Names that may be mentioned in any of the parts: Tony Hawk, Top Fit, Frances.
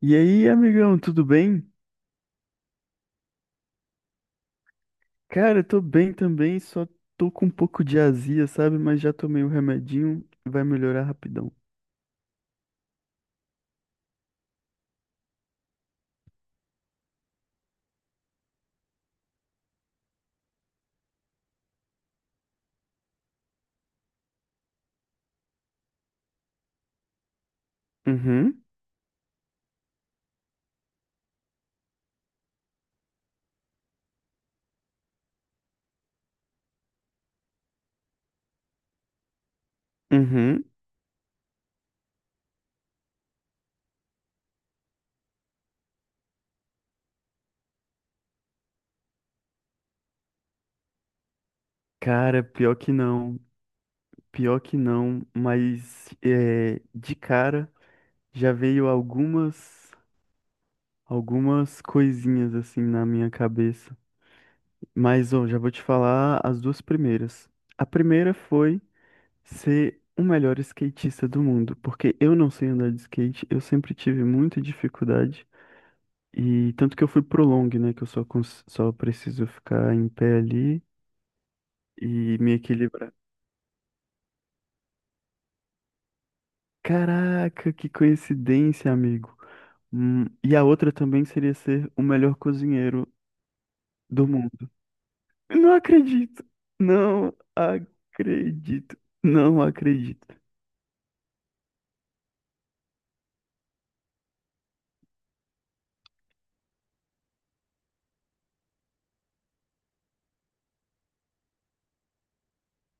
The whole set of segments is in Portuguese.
E aí, amigão, tudo bem? Cara, eu tô bem também, só tô com um pouco de azia, sabe? Mas já tomei o remedinho, vai melhorar rapidão. Uhum, uhum. Cara, pior que não, mas é, de cara já veio algumas coisinhas assim na minha cabeça. Mas, ó, já vou te falar as duas primeiras. A primeira foi ser o melhor skatista do mundo, porque eu não sei andar de skate, eu sempre tive muita dificuldade, e tanto que eu fui pro long, né, que eu só, só preciso ficar em pé ali e me equilibrar. Caraca, que coincidência, amigo. E a outra também seria ser o melhor cozinheiro do mundo. Não acredito, não acredito, não acredito.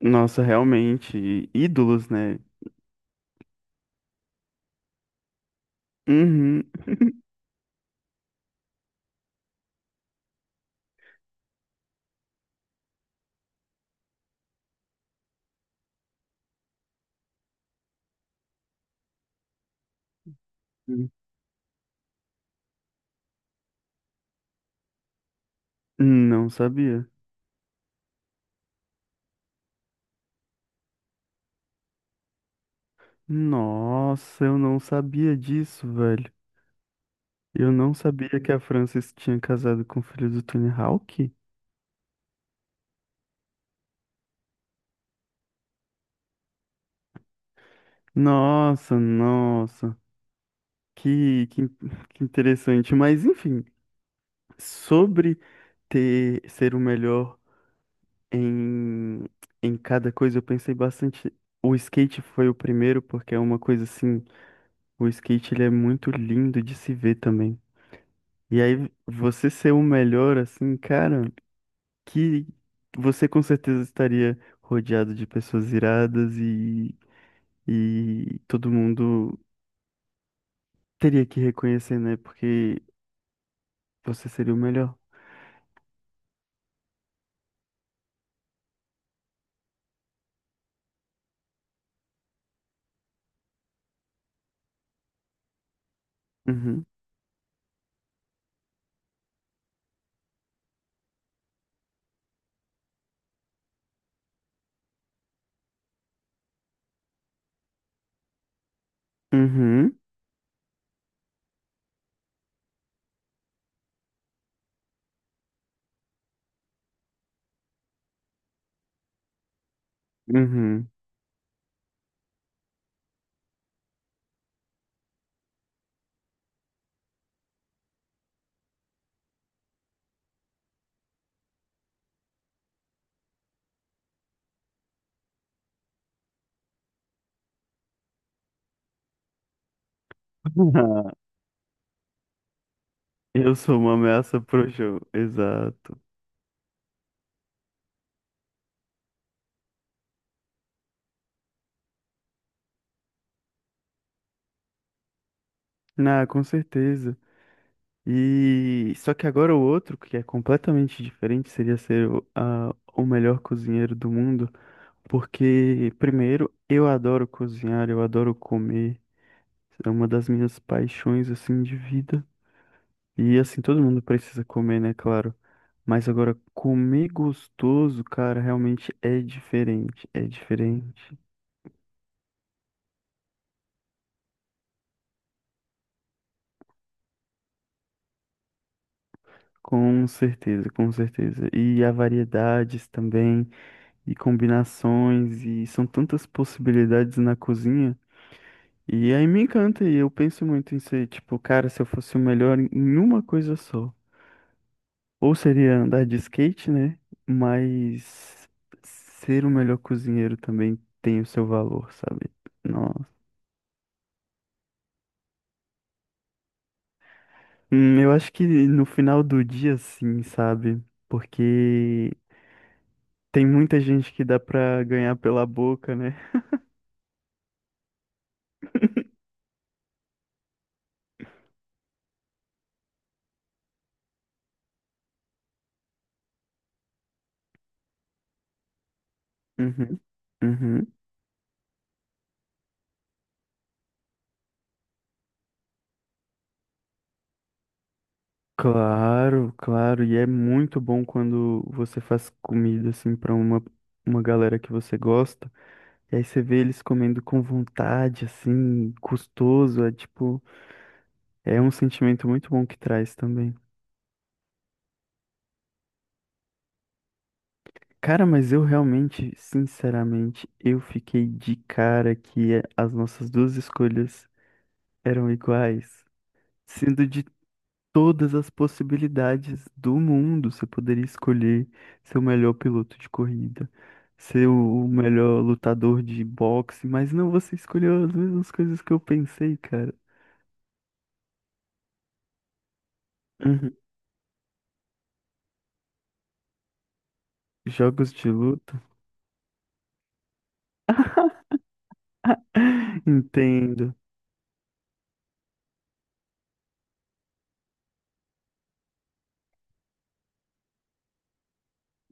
Nossa, realmente, ídolos, né? Uhum. Não sabia. Nossa, eu não sabia disso, velho. Eu não sabia que a Frances tinha casado com o filho do Tony Hawk. Nossa, nossa. Que, que, que interessante. Mas, enfim, sobre ser o melhor em, em cada coisa, eu pensei bastante. O skate foi o primeiro, porque é uma coisa assim. O skate, ele é muito lindo de se ver também. E aí, você ser o melhor, assim, cara. Que você com certeza estaria rodeado de pessoas iradas e todo mundo teria que reconhecer, né? Porque você seria o melhor. Uhum. Uhum. Uhum. Eu sou uma ameaça pro show. Exato. Ah, com certeza. E só que agora o outro, que é completamente diferente, seria ser o melhor cozinheiro do mundo. Porque, primeiro, eu adoro cozinhar, eu adoro comer. É uma das minhas paixões, assim, de vida. E, assim, todo mundo precisa comer, né? Claro. Mas agora, comer gostoso, cara, realmente é diferente. É diferente. Com certeza, com certeza. E há variedades também, e combinações, e são tantas possibilidades na cozinha. E aí me encanta, e eu penso muito em ser, tipo, cara, se eu fosse o melhor em uma coisa só. Ou seria andar de skate, né? Mas ser o melhor cozinheiro também tem o seu valor, sabe? Nossa. Eu acho que no final do dia, sim, sabe? Porque tem muita gente que dá pra ganhar pela boca, né? Uhum. Uhum. Claro, claro. E é muito bom quando você faz comida, assim, uma galera que você gosta. E aí você vê eles comendo com vontade, assim, custoso. É tipo. É um sentimento muito bom que traz também. Cara, mas eu realmente, sinceramente, eu fiquei de cara que é, as nossas duas escolhas eram iguais, sendo de todas as possibilidades do mundo, você poderia escolher ser o melhor piloto de corrida, ser o melhor lutador de boxe, mas não, você escolheu as mesmas coisas que eu pensei, cara. Uhum. Jogos de luta. Entendo.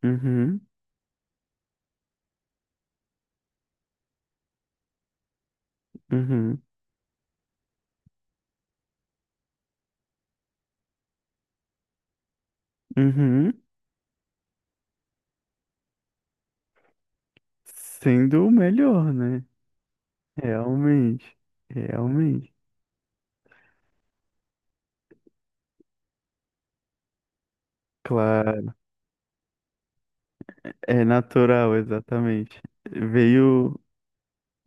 Uhum, uhum, uhum. Sendo o melhor, né? Realmente. Realmente. Claro. É natural, exatamente. Veio,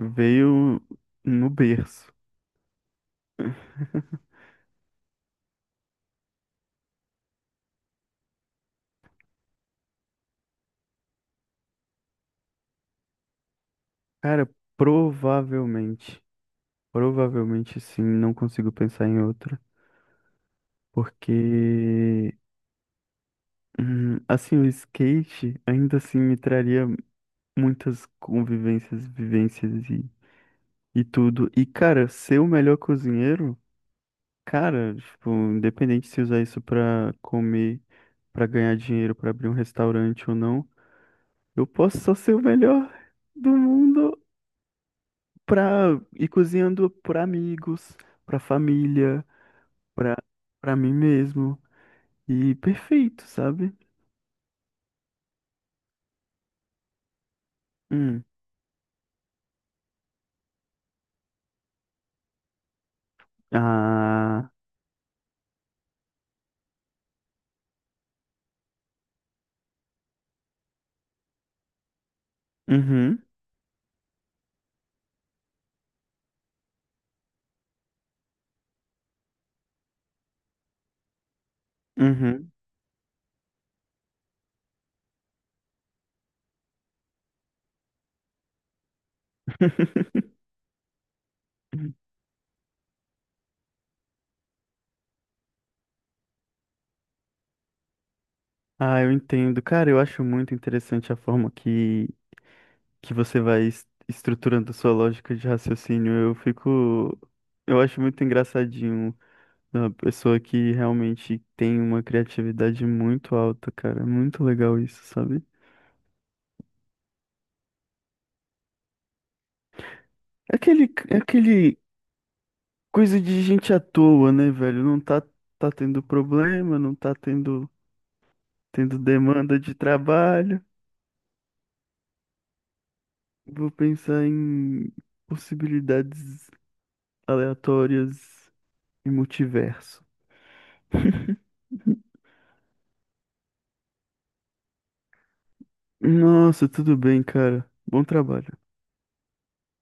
veio no berço. Cara, provavelmente, provavelmente sim, não consigo pensar em outra, porque assim, o skate ainda assim me traria muitas convivências, vivências e tudo. E cara, ser o melhor cozinheiro. Cara, tipo, independente se usar isso pra comer, pra ganhar dinheiro, pra abrir um restaurante ou não, eu posso só ser o melhor do mundo pra ir cozinhando pra amigos, pra família, pra, pra mim mesmo. E perfeito, sabe? Hum. Ah. Uhum. Uhum. Ah, eu entendo. Cara, eu acho muito interessante a forma que você vai estruturando a sua lógica de raciocínio. Eu fico. Eu acho muito engraçadinho uma pessoa que realmente tem uma criatividade muito alta, cara. É muito legal isso, sabe? É aquele coisa de gente à toa, né, velho? Não tá, tá tendo problema, não tá tendo, tendo demanda de trabalho. Vou pensar em possibilidades aleatórias e multiverso. Nossa, tudo bem, cara. Bom trabalho.